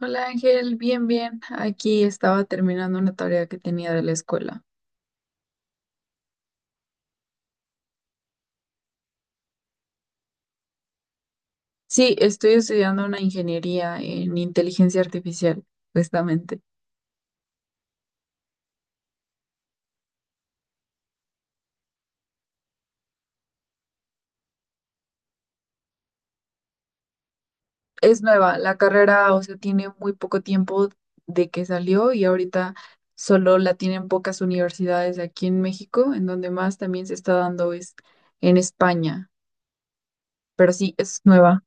Hola Ángel, bien, bien. Aquí estaba terminando una tarea que tenía de la escuela. Sí, estoy estudiando una ingeniería en inteligencia artificial, justamente. Es nueva, la carrera, o sea, tiene muy poco tiempo de que salió y ahorita solo la tienen pocas universidades aquí en México, en donde más también se está dando es en España, pero sí, es nueva.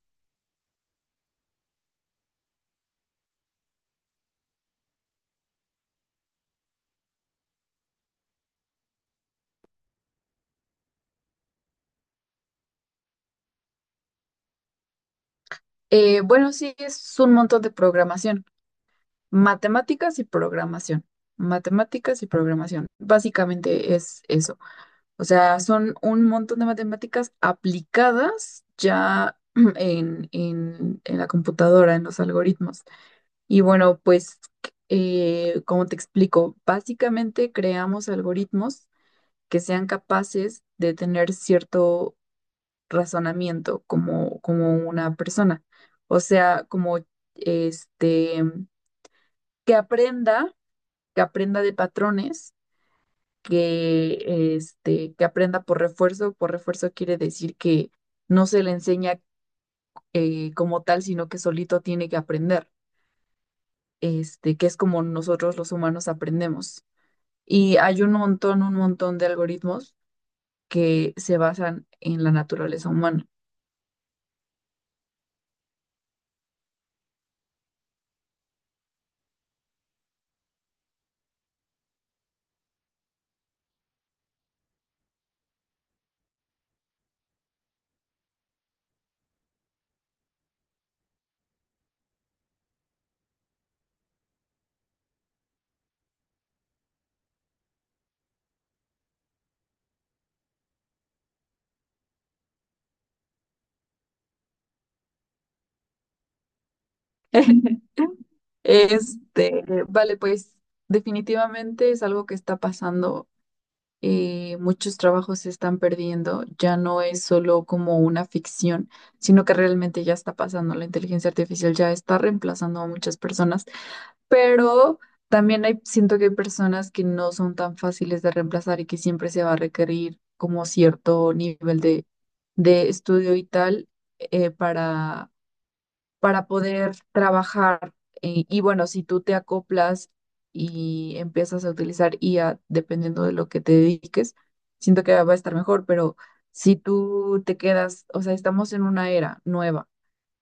Bueno, sí, es un montón de programación. Matemáticas y programación. Matemáticas y programación. Básicamente es eso. O sea, son un montón de matemáticas aplicadas ya en, en la computadora, en los algoritmos. Y bueno, pues, como te explico, básicamente creamos algoritmos que sean capaces de tener cierto razonamiento como una persona. O sea, como este, que aprenda que aprenda de patrones, que aprenda por refuerzo. Por refuerzo quiere decir que no se le enseña como tal, sino que solito tiene que aprender, este, que es como nosotros los humanos aprendemos. Y hay un montón de algoritmos que se basan en la naturaleza humana. Este, vale, pues definitivamente es algo que está pasando, muchos trabajos se están perdiendo, ya no es solo como una ficción, sino que realmente ya está pasando, la inteligencia artificial ya está reemplazando a muchas personas, pero también hay, siento que hay personas que no son tan fáciles de reemplazar y que siempre se va a requerir como cierto nivel de estudio y tal, eh, para poder trabajar. Y bueno, si tú te acoplas y empiezas a utilizar IA dependiendo de lo que te dediques, siento que va a estar mejor, pero si tú te quedas, o sea, estamos en una era nueva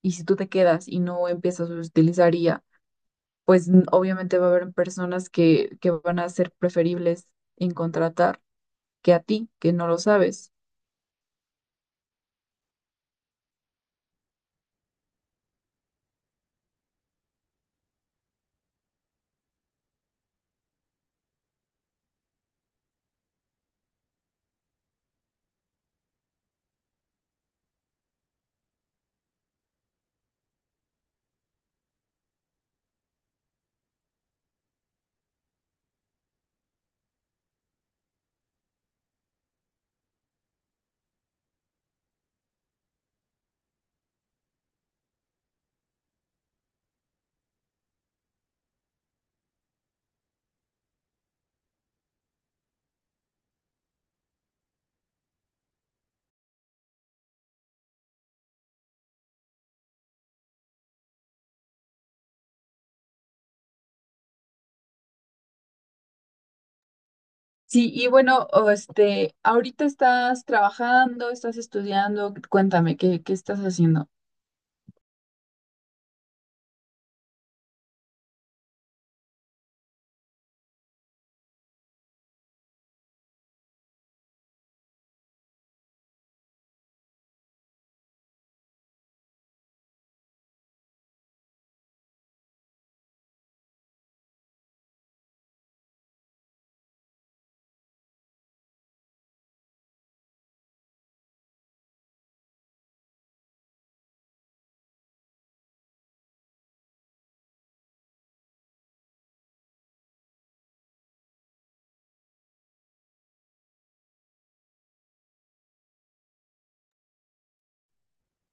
y si tú te quedas y no empiezas a utilizar IA, pues obviamente va a haber personas que van a ser preferibles en contratar que a ti, que no lo sabes. Sí, y bueno, o este, ahorita estás trabajando, estás estudiando, cuéntame, ¿qué estás haciendo?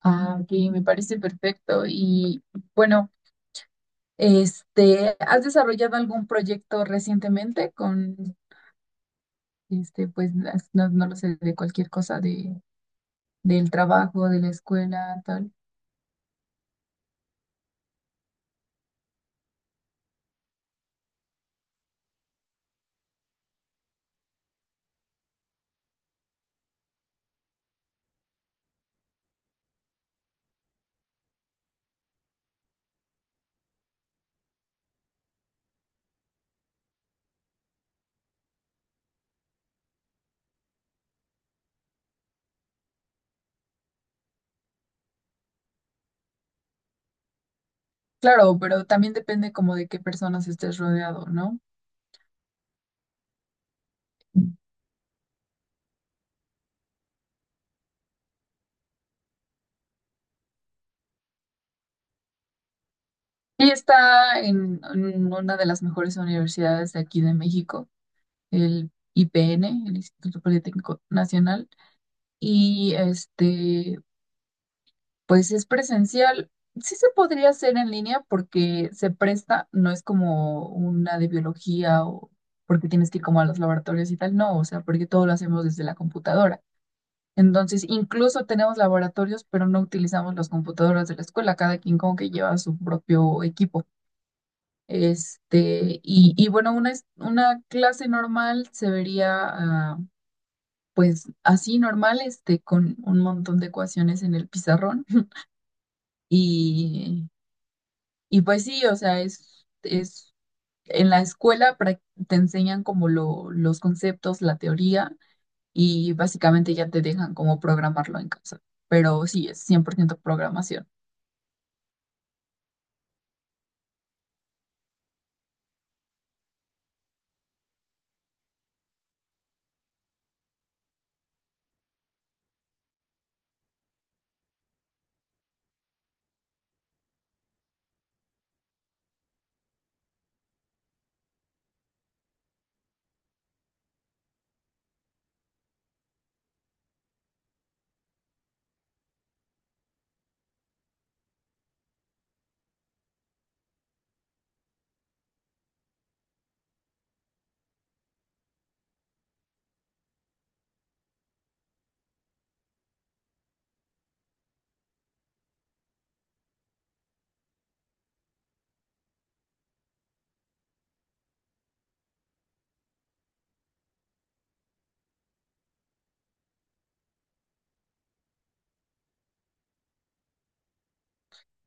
Ah, ok, me parece perfecto. Y bueno, este, ¿has desarrollado algún proyecto recientemente con, este, pues, no, no lo sé, de cualquier cosa del trabajo, de la escuela, tal? Claro, pero también depende como de qué personas estés rodeado, ¿no? Ella está en una de las mejores universidades de aquí de México. El IPN, el Instituto Politécnico Nacional, y este, pues es presencial. Sí se podría hacer en línea porque se presta, no es como una de biología o porque tienes que ir como a los laboratorios y tal, no, o sea, porque todo lo hacemos desde la computadora. Entonces, incluso tenemos laboratorios, pero no utilizamos las computadoras de la escuela, cada quien como que lleva su propio equipo. Este, y, una clase normal se vería, ah, pues así normal, este, con un montón de ecuaciones en el pizarrón. Y, y pues sí, o sea, es en la escuela te enseñan como los conceptos, la teoría, y básicamente ya te dejan como programarlo en casa. Pero sí, es 100% programación.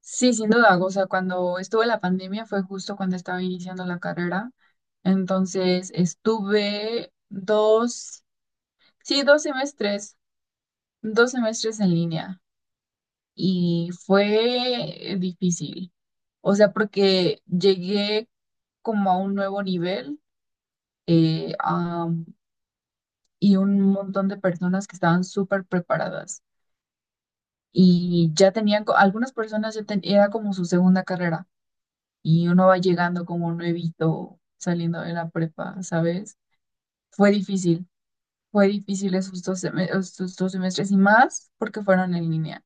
Sí, sin duda. O sea, cuando estuve la pandemia fue justo cuando estaba iniciando la carrera. Entonces estuve dos, sí, 2 semestres, 2 semestres en línea. Y fue difícil. O sea, porque llegué como a un nuevo nivel, eh, am, y un montón de personas que estaban súper preparadas y ya tenían, algunas personas ya era como su segunda carrera y uno va llegando como nuevito saliendo de la prepa, ¿sabes? Fue difícil, fue difícil esos 2 semestres y más porque fueron en línea.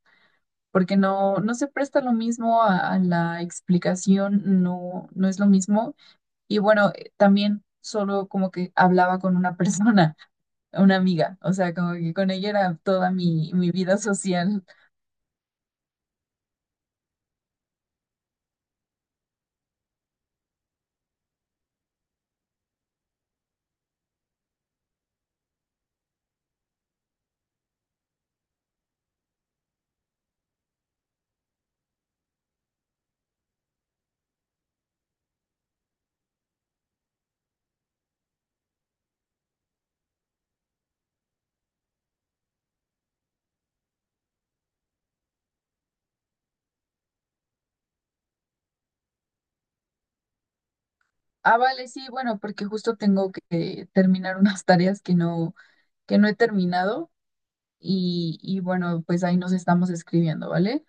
Porque no, no se presta lo mismo a la explicación, no, no es lo mismo. Y bueno, también solo como que hablaba con una persona, una amiga, o sea, como que con ella era toda mi vida social. Ah, vale, sí, bueno, porque justo tengo que terminar unas tareas que no he terminado y bueno, pues ahí nos estamos escribiendo, ¿vale?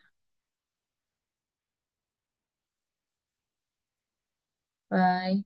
Bye.